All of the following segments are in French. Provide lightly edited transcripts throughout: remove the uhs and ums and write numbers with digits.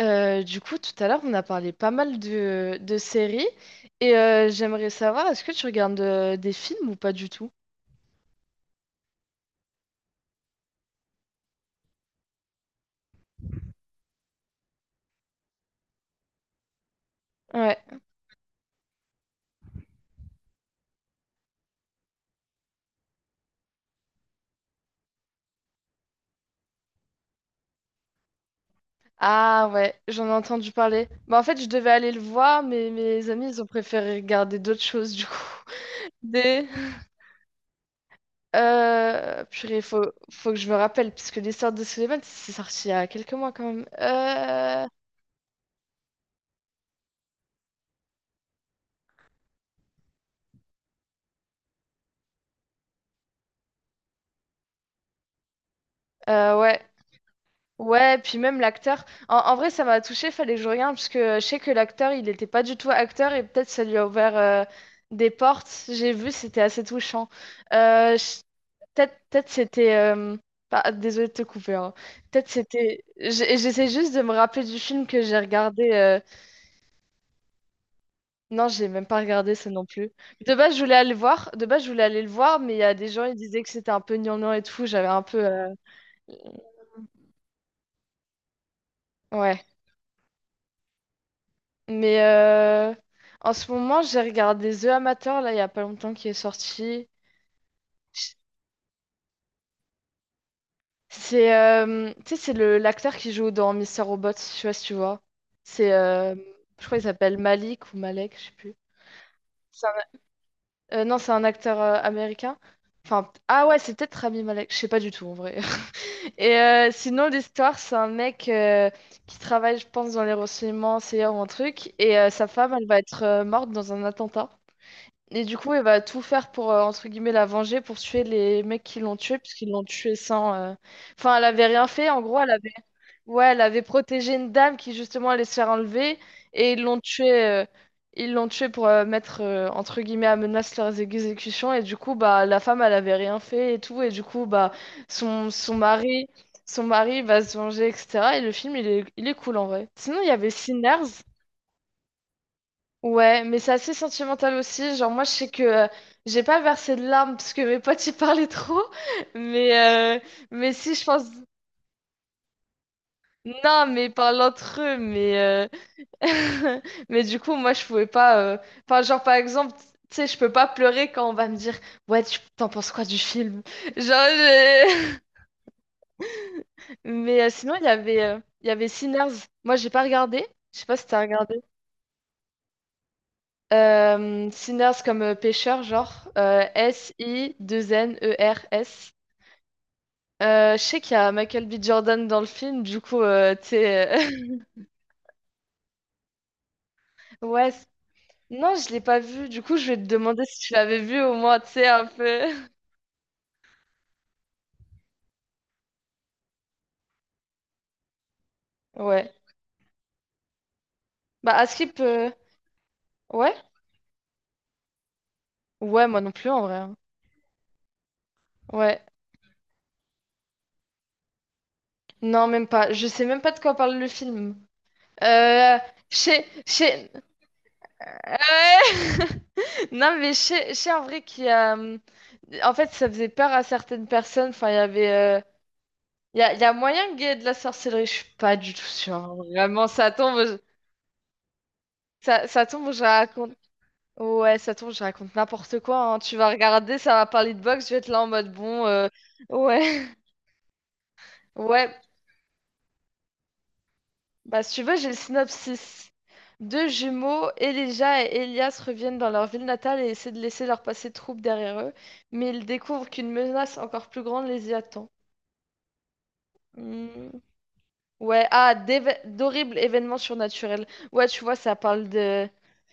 Du coup, tout à l'heure, on a parlé pas mal de séries et j'aimerais savoir, est-ce que tu regardes des films ou pas du tout? Ouais. Ah ouais, j'en ai entendu parler. Bah, en fait, je devais aller le voir, mais mes amis, ils ont préféré regarder d'autres choses, du coup. Des. Purée, faut que je me rappelle, parce que l'histoire de Sullivan, c'est sorti il y a quelques mois quand même. Ouais, ouais, puis même l'acteur. En vrai, ça m'a touché fallait que je regarde, parce que je sais que l'acteur, il n'était pas du tout acteur et peut-être ça lui a ouvert des portes. J'ai vu, c'était assez touchant. Euh, je- peut-être c'était. Bah, désolée de te couper, hein. Peut-être c'était. J'essaie juste de me rappeler du film que j'ai regardé. Non, j'ai même pas regardé ça non plus. De base, je voulais aller le voir. De base, je voulais aller le voir, mais il y a des gens, ils disaient que c'était un peu gnangnan et tout. J'avais un peu. Ouais. Mais en ce moment, j'ai regardé The Amateur, là, il y a pas longtemps, qui est sorti. C'est tu sais, c'est le l'acteur qui joue dans Mister Robot, je sais pas si tu vois. C'est, euh, je crois qu'il s'appelle Malik ou Malek, je sais plus. C'est un- non, c'est un acteur américain. Enfin, ah ouais, c'est peut-être Rami Malek, je sais pas du tout en vrai. Et sinon, l'histoire, c'est un mec qui travaille, je pense, dans les renseignements, c'est un truc, et sa femme, elle va être morte dans un attentat. Et du coup, elle va tout faire pour, entre guillemets, la venger, pour tuer les mecs qui l'ont tuée, puisqu'ils l'ont tuée sans. Enfin, elle avait rien fait, en gros, elle avait. Ouais, elle avait protégé une dame qui, justement, allait se faire enlever, et ils l'ont tuée. Ils l'ont tuée pour mettre, entre guillemets, à menace leurs exécutions, et du coup, bah, la femme, elle avait rien fait et tout, et du coup, bah, son mari. Son mari va se venger, etc. Et le film, il est cool en vrai. Sinon, il y avait Sinners. Ouais, mais c'est assez sentimental aussi. Genre, moi, je sais que j'ai pas versé de larmes parce que mes potes y parlaient trop. Mais, euh, mais si, je pense. Non, mais ils parlent entre eux. Mais du coup, moi, je pouvais pas. Enfin, genre, par exemple, tu sais, je peux pas pleurer quand on va me dire, ouais, tu t'en penses quoi du film? Genre, j'ai- Sinon, il y avait Sinners. Moi, j'ai pas regardé. Je sais pas si t'as regardé. Sinners comme pêcheur, genre S-Sinners. Je sais qu'il y a Michael B. Jordan dans le film, du coup, tu sais. Ouais. Non, je l'ai pas vu, du coup, je vais te demander si tu l'avais vu au moins, tu sais, un peu. Ouais. Bah, Askip, ouais? Ouais, moi non plus en vrai, hein. Ouais. Non, même pas. Je sais même pas de quoi parle le film. Euh. Je sais. Ouais. Non, mais je sais en vrai qu'il y a. En fait, ça faisait peur à certaines personnes. Enfin, il y avait. Il y a moyen qu'il y ait de la sorcellerie. Je suis pas du tout sûre, hein. Vraiment, ça tombe. Ça, ça tombe, je raconte. Ouais, ça tombe, je raconte n'importe quoi, hein. Tu vas regarder, ça va parler de boxe. Je vais être là en mode bon. Ouais. Ouais. Bah, si tu veux, j'ai le synopsis. Deux jumeaux, Elijah et Elias, reviennent dans leur ville natale et essaient de laisser leur passé trouble derrière eux. Mais ils découvrent qu'une menace encore plus grande les y attend. Hmm. Ouais, ah, d'horribles événements surnaturels. Ouais, tu vois, ça parle de.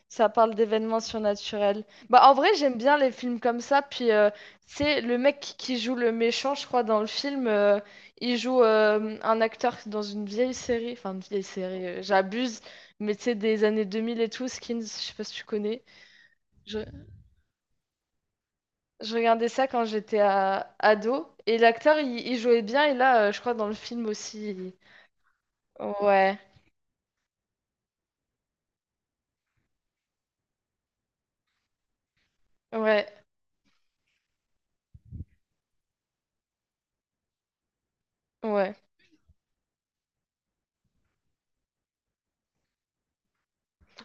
Ça parle d'événements surnaturels. Bah, en vrai, j'aime bien les films comme ça. Puis, tu sais, le mec qui joue le méchant, je crois, dans le film, il joue un acteur dans une vieille série. Enfin, une vieille série, j'abuse. Mais tu sais, des années 2000 et tout, Skins, je sais pas si tu connais. Je, je regardais ça quand j'étais à ado. Et l'acteur, il jouait bien. Et là, je crois, dans le film aussi. Ouais, ouais. Ouais.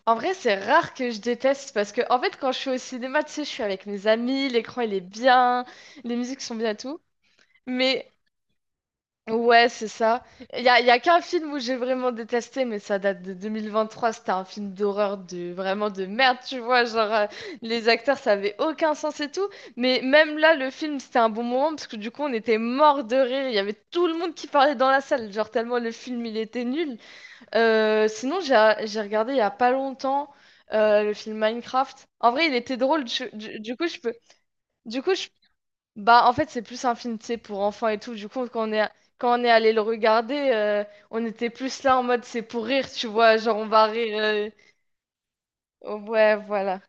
En vrai, c'est rare que je déteste parce que, en fait, quand je suis au cinéma, tu sais, je suis avec mes amis, l'écran il est bien, les musiques sont bien et tout. Mais ouais, c'est ça. Y a qu'un film où j'ai vraiment détesté, mais ça date de 2023. C'était un film d'horreur de vraiment de merde, tu vois. Genre, les acteurs, ça avait aucun sens et tout. Mais même là, le film, c'était un bon moment parce que du coup, on était mort de rire. Il y avait tout le monde qui parlait dans la salle, genre tellement le film il était nul. Sinon, j'ai regardé il y a pas longtemps le film Minecraft. En vrai, il était drôle. Du coup, je peux. Du coup, bah, en fait, c'est plus un film, tu sais, pour enfants et tout. Du coup, quand on est allé le regarder, on était plus là en mode c'est pour rire, tu vois. Genre, on va rire. Oh, ouais, voilà.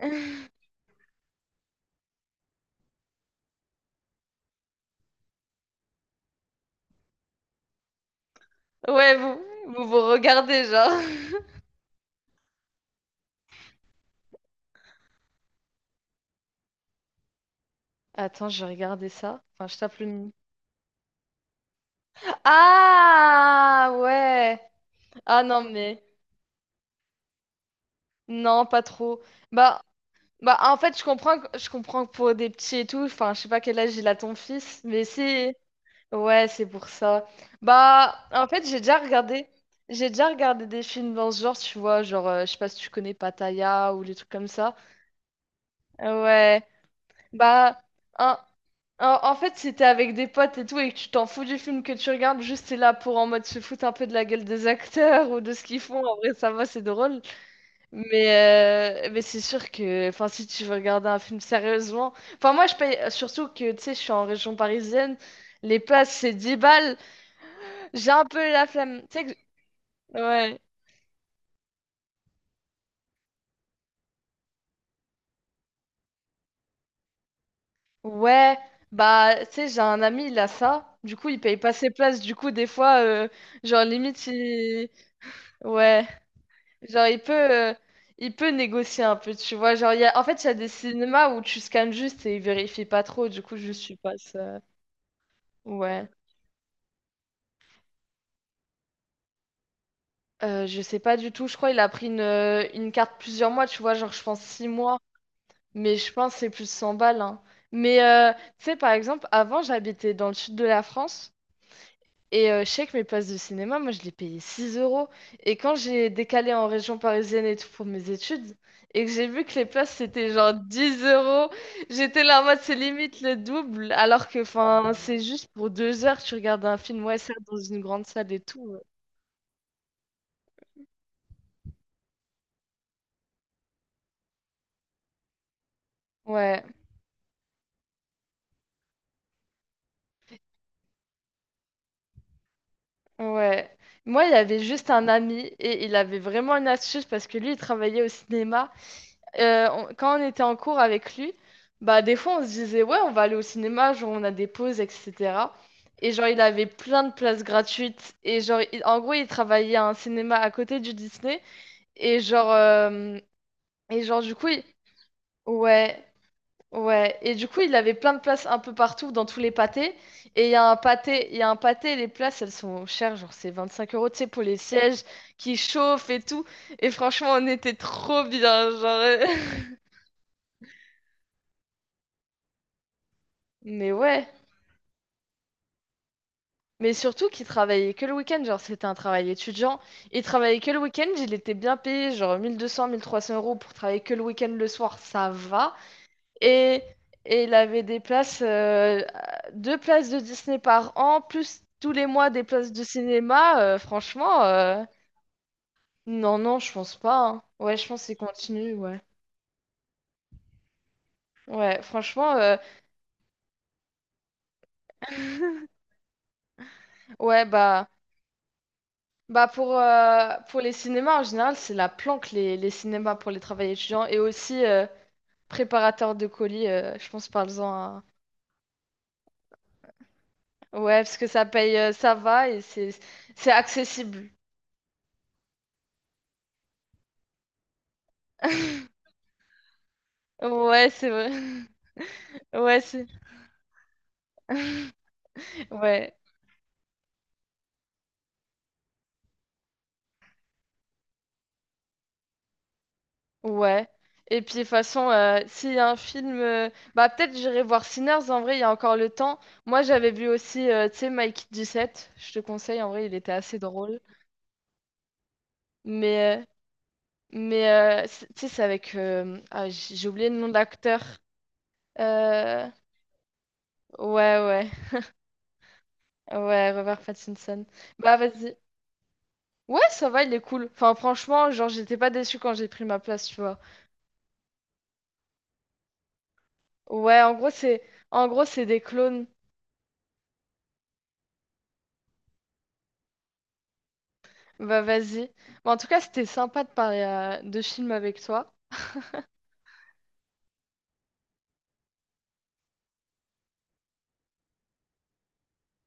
Ouais, vous vous regardez, genre. Attends, je vais regarder ça. Enfin, je tape le nom. Ah ouais. Ah non mais non pas trop. Bah Bah, en fait, je comprends, que pour des petits et tout, enfin, je sais pas quel âge il a ton fils, mais c'est. Ouais, c'est pour ça. Bah, en fait, j'ai déjà regardé des films dans ce genre, tu vois, genre, je sais pas si tu connais Pattaya ou les trucs comme ça. Ouais, bah, en, en fait, si t'es avec des potes et tout et que tu t'en fous du film que tu regardes, juste t'es là pour en mode se foutre un peu de la gueule des acteurs ou de ce qu'ils font, en vrai, ça va, c'est drôle. Mais c'est sûr que enfin, si tu veux regarder un film sérieusement. Enfin, moi, je paye. Surtout que tu sais, je suis en région parisienne. Les places, c'est 10 balles. J'ai un peu la flemme. Tu sais que. Ouais. Ouais. Bah, tu sais, j'ai un ami, il a ça. Du coup, il paye pas ses places. Du coup, des fois, genre, limite, il. Ouais. Genre, il peut. euh, Il peut négocier un peu, tu vois. Genre, il y a. En fait, il y a des cinémas où tu scannes juste et ils vérifient pas trop. Du coup, je suis pas ça. Ouais. Je sais pas du tout, je crois qu'il a pris une carte plusieurs mois, tu vois, genre je pense 6 mois, mais je pense que c'est plus 100 balles, hein. Mais tu sais, par exemple, avant j'habitais dans le sud de la France et je sais que mes places de cinéma, moi je les payais 6 euros. Et quand j'ai décalé en région parisienne et tout pour mes études et que j'ai vu que les places c'était genre 10 euros, j'étais là en mode c'est limite le double, alors que enfin c'est juste pour 2 heures, tu regardes un film, ouais, ça dans une grande salle et tout. Ouais. Ouais. Ouais. Moi, il avait juste un ami et il avait vraiment une astuce parce que lui, il travaillait au cinéma. Quand on était en cours avec lui, bah des fois, on se disait, ouais, on va aller au cinéma, genre on a des pauses, etc. Et genre, il avait plein de places gratuites. Et genre, en gros, il travaillait à un cinéma à côté du Disney. Et genre, euh, et genre du coup, ouais. Ouais, et du coup, il avait plein de places un peu partout dans tous les pâtés. Et il y a un pâté, les places, elles sont chères, genre c'est 25 euros, tu sais, pour les sièges qui chauffent et tout. Et franchement, on était trop bien, genre. Mais ouais, mais surtout qu'il travaillait que le week-end, genre c'était un travail étudiant. Il travaillait que le week-end, il était bien payé, genre 1200, 1300 € pour travailler que le week-end le soir, ça va. Et, et il avait des places, deux places de Disney par an, plus tous les mois des places de cinéma. Franchement, non, non, je pense pas, hein. Ouais, je pense qu'il continue, ouais. Ouais, franchement, ouais, bah, bah pour les cinémas en général, c'est la planque, les cinémas pour les travailleurs étudiants et aussi préparateurs de colis, je pense, parle-en à. Ouais, parce que ça paye, ça va et c'est accessible. Ouais, c'est vrai. Ouais, c'est. Ouais. Ouais. Et puis de toute façon, s'il y a un film, bah peut-être j'irai voir Sinners. En vrai, il y a encore le temps. Moi, j'avais vu aussi, tu sais, Mike 17. Je te conseille. En vrai, il était assez drôle. Mais, euh, mais tu sais, c'est avec, j'ai oublié le nom de l'acteur. Euh, ouais, ouais, ouais, Robert Pattinson. Bah vas-y. Ouais, ça va, il est cool. Enfin, franchement, genre, j'étais pas déçue quand j'ai pris ma place, tu vois. Ouais, en gros, c'est des clones. Bah vas-y. Bon, en tout cas, c'était sympa de parler de films avec toi.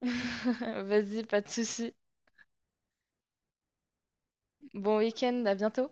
Vas-y, pas de souci. Bon week-end, à bientôt.